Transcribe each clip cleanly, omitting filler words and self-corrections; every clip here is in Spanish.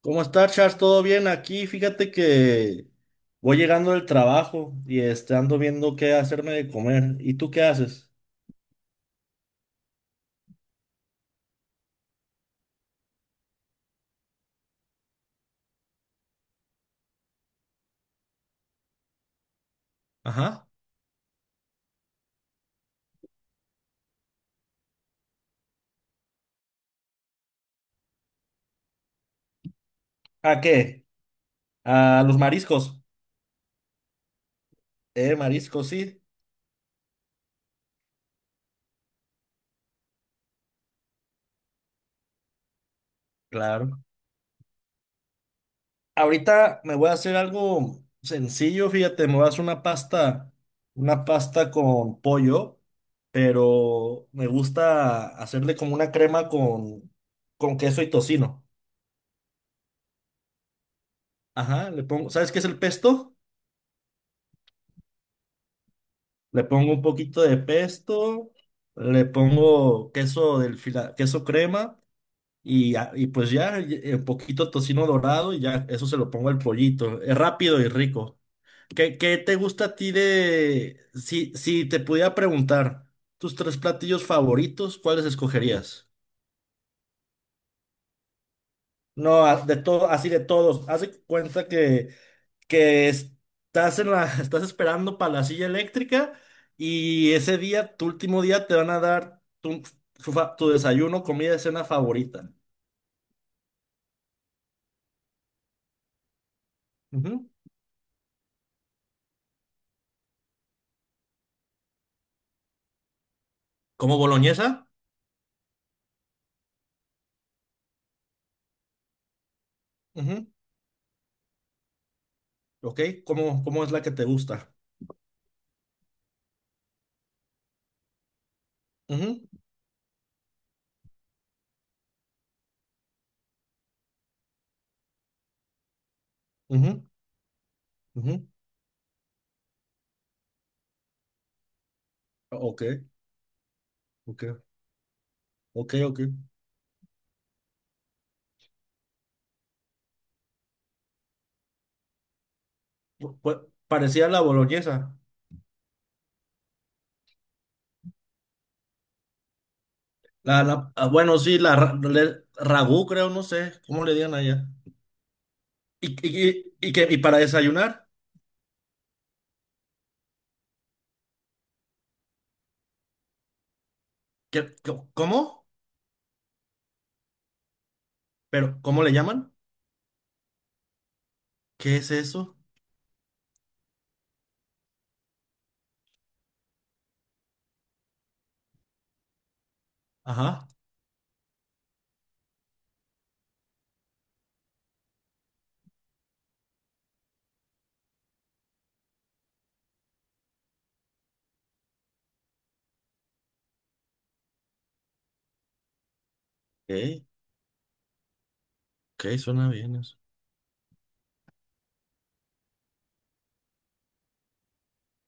¿Cómo estás, Charles? ¿Todo bien? Aquí, fíjate que voy llegando del trabajo y ando viendo qué hacerme de comer. ¿Y tú qué haces? Ajá. ¿A qué? A los mariscos. Mariscos, sí. Claro. Ahorita me voy a hacer algo sencillo, fíjate, me voy a hacer una pasta con pollo, pero me gusta hacerle como una crema con queso y tocino. Ajá, le pongo, ¿sabes qué es el pesto? Le pongo un poquito de pesto, le pongo queso queso crema y un poquito tocino dorado y ya eso se lo pongo al pollito. Es rápido y rico. ¿Qué te gusta a ti de... Si te pudiera preguntar tus tres platillos favoritos, ¿cuáles escogerías? No, de todo, así de todos. Haz de cuenta que estás en la, estás esperando para la silla eléctrica y ese día, tu último día, te van a dar tu desayuno, comida, cena favorita. Ujú. ¿Como boloñesa? Ujú. Ok, ¿cómo es la que te gusta? Ujú, ujú, ujú. Ok, ok, ok, ok. Parecía la boloñesa. Bueno, sí, ragú, creo, no sé, ¿cómo le digan allá? ¿Y para desayunar? ¿Cómo? ¿Pero cómo le llaman? ¿Qué es eso? Ajá. Ok, ok, suena bien eso.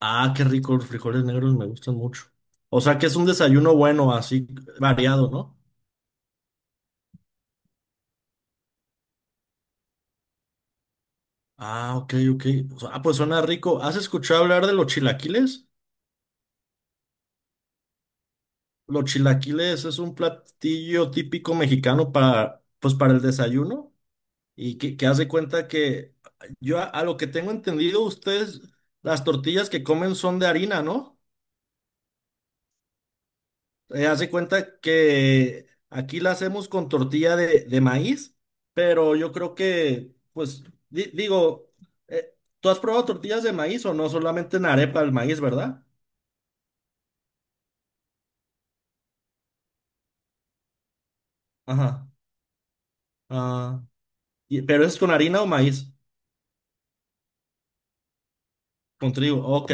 Ah, qué rico, los frijoles negros me gustan mucho. O sea que es un desayuno bueno, así variado, ¿no? Ah, ok, ok. O sea, ah, pues suena rico. ¿Has escuchado hablar de los chilaquiles? Los chilaquiles es un platillo típico mexicano para, pues, para el desayuno. Y que haz de cuenta que yo a lo que tengo entendido, ustedes las tortillas que comen son de harina, ¿no? Haz de cuenta que aquí la hacemos con tortilla de maíz, pero yo creo que, pues, digo, ¿tú has probado tortillas de maíz o no? Solamente en arepa el maíz, ¿verdad? Ajá. Ah, pero es con harina o maíz. Con trigo, ok.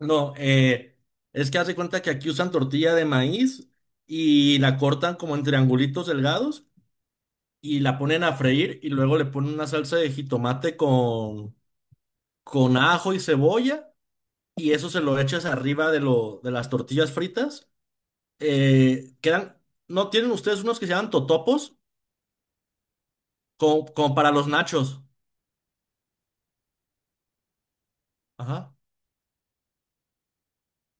No, es que hace cuenta que aquí usan tortilla de maíz y la cortan como en triangulitos delgados y la ponen a freír y luego le ponen una salsa de jitomate con ajo y cebolla y eso se lo echas arriba de las tortillas fritas. Quedan, ¿no tienen ustedes unos que se llaman totopos? Como, como para los nachos. Ajá.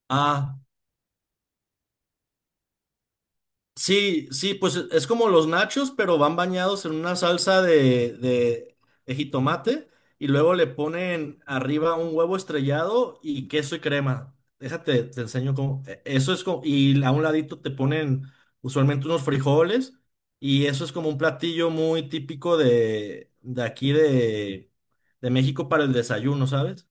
Ah. Sí, sí, pues es como los nachos, pero van bañados en una salsa de jitomate y luego le ponen arriba un huevo estrellado y queso y crema. Déjate, te enseño cómo. Eso es como, y a un ladito te ponen usualmente unos frijoles y eso es como un platillo muy típico de aquí de México para el desayuno, ¿sabes?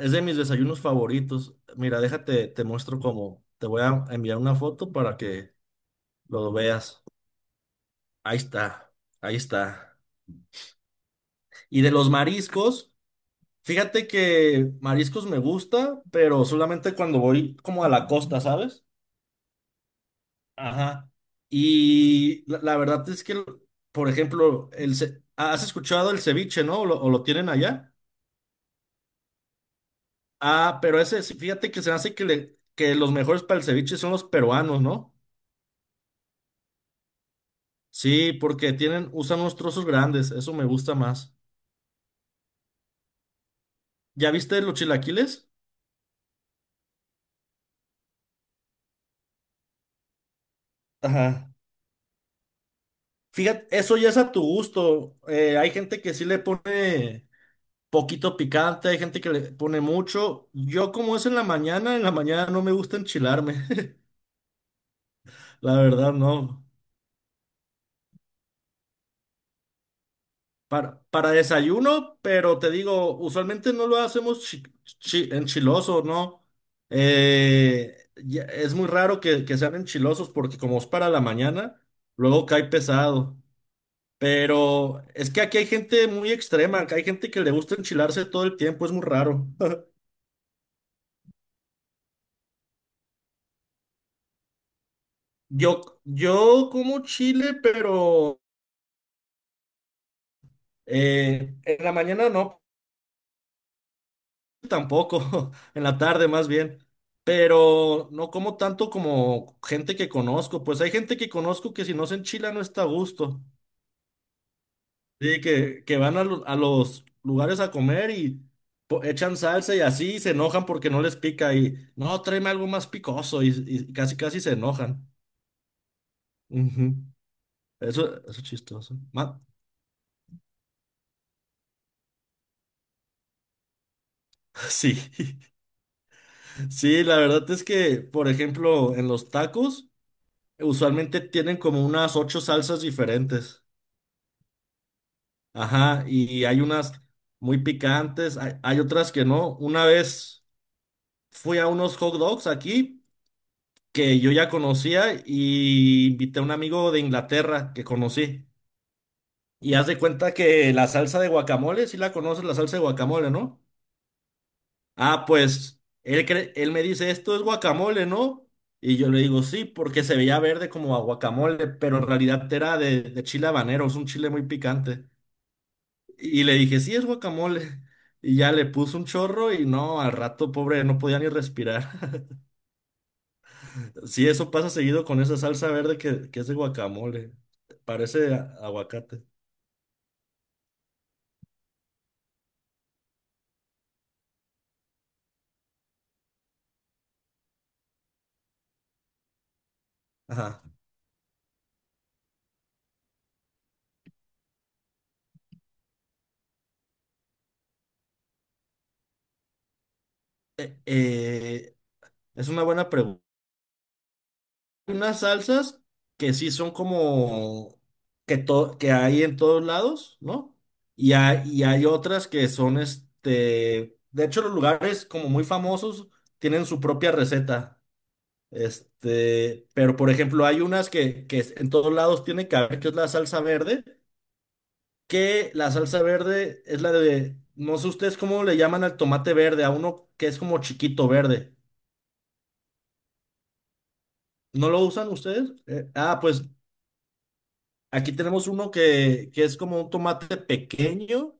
Es de mis desayunos favoritos. Mira, déjate, te muestro cómo. Te voy a enviar una foto para que lo veas. Ahí está, ahí está. Y de los mariscos, fíjate que mariscos me gusta, pero solamente cuando voy como a la costa, ¿sabes? Ajá. Y la verdad es que, por ejemplo, ¿has escuchado el ceviche, no? O lo tienen allá? Ah, pero ese, sí, fíjate que se me hace que los mejores para el ceviche son los peruanos, ¿no? Sí, porque tienen, usan unos trozos grandes, eso me gusta más. ¿Ya viste los chilaquiles? Ajá. Fíjate, eso ya es a tu gusto. Hay gente que sí le pone poquito picante, hay gente que le pone mucho. Yo como es en la mañana no me gusta enchilarme. La verdad, no. Para desayuno, pero te digo, usualmente no lo hacemos enchiloso, ¿no? Es muy raro que sean enchilosos porque como es para la mañana, luego cae pesado. Pero es que aquí hay gente muy extrema, que hay gente que le gusta enchilarse todo el tiempo, es muy raro. Yo como chile, pero en la mañana no, tampoco, en la tarde más bien. Pero no como tanto como gente que conozco, pues hay gente que conozco que si no se enchila no está a gusto. Sí, que van a, a los lugares a comer y echan salsa y así y se enojan porque no les pica y no, tráeme algo más picoso y casi casi se enojan. Ujú. Eso es chistoso. Ma- Sí, sí, la verdad es que, por ejemplo, en los tacos usualmente tienen como unas 8 salsas diferentes. Ajá, y hay unas muy picantes, hay otras que no. Una vez fui a unos hot dogs aquí, que yo ya conocía y invité a un amigo de Inglaterra que conocí. Y haz de cuenta que la salsa de guacamole, sí la conoces, la salsa de guacamole, ¿no? Ah, pues él me dice, esto es guacamole, ¿no? Y yo le digo, sí, porque se veía verde como a guacamole, pero en realidad era de chile habanero, es un chile muy picante. Y le dije, sí, es guacamole. Y ya le puse un chorro y no, al rato, pobre, no podía ni respirar. Sí, eso pasa seguido con esa salsa verde que es de guacamole. Parece aguacate. Ajá. Eh, eh, es una buena pregunta. Hay unas salsas que sí son como que hay en todos lados, ¿no? Y hay otras que son este. De hecho, los lugares como muy famosos tienen su propia receta. Este, pero por ejemplo, hay unas que en todos lados tienen que haber, que es la salsa verde. Que la salsa verde es la de, no sé ustedes cómo le llaman al tomate verde, a uno que es como chiquito verde. ¿No lo usan ustedes? Ah, pues aquí tenemos uno que es como un tomate pequeño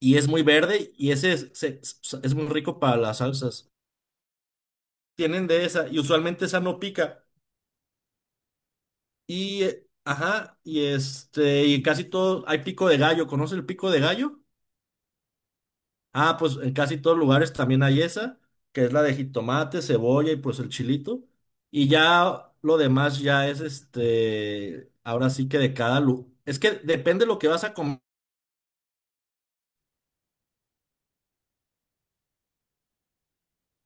y es muy verde y ese es, es muy rico para las salsas. Tienen de esa y usualmente esa no pica. Y, ajá, y este, y casi todo, hay pico de gallo, ¿conoce el pico de gallo? Ah, pues en casi todos lugares también hay esa, que es la de jitomate, cebolla y pues el chilito. Y ya lo demás ya es este, ahora sí que de cada lu, es que depende lo que vas a comer.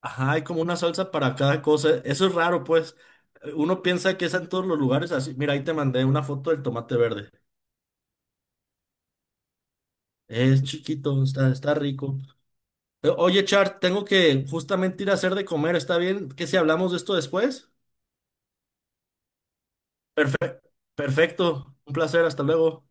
Ajá, hay como una salsa para cada cosa. Eso es raro, pues. Uno piensa que es en todos los lugares así. Mira, ahí te mandé una foto del tomate verde. Es chiquito, está, está rico. Oye, Char, tengo que justamente ir a hacer de comer. ¿Está bien que si hablamos de esto después? Perfecto, perfecto. Un placer, hasta luego.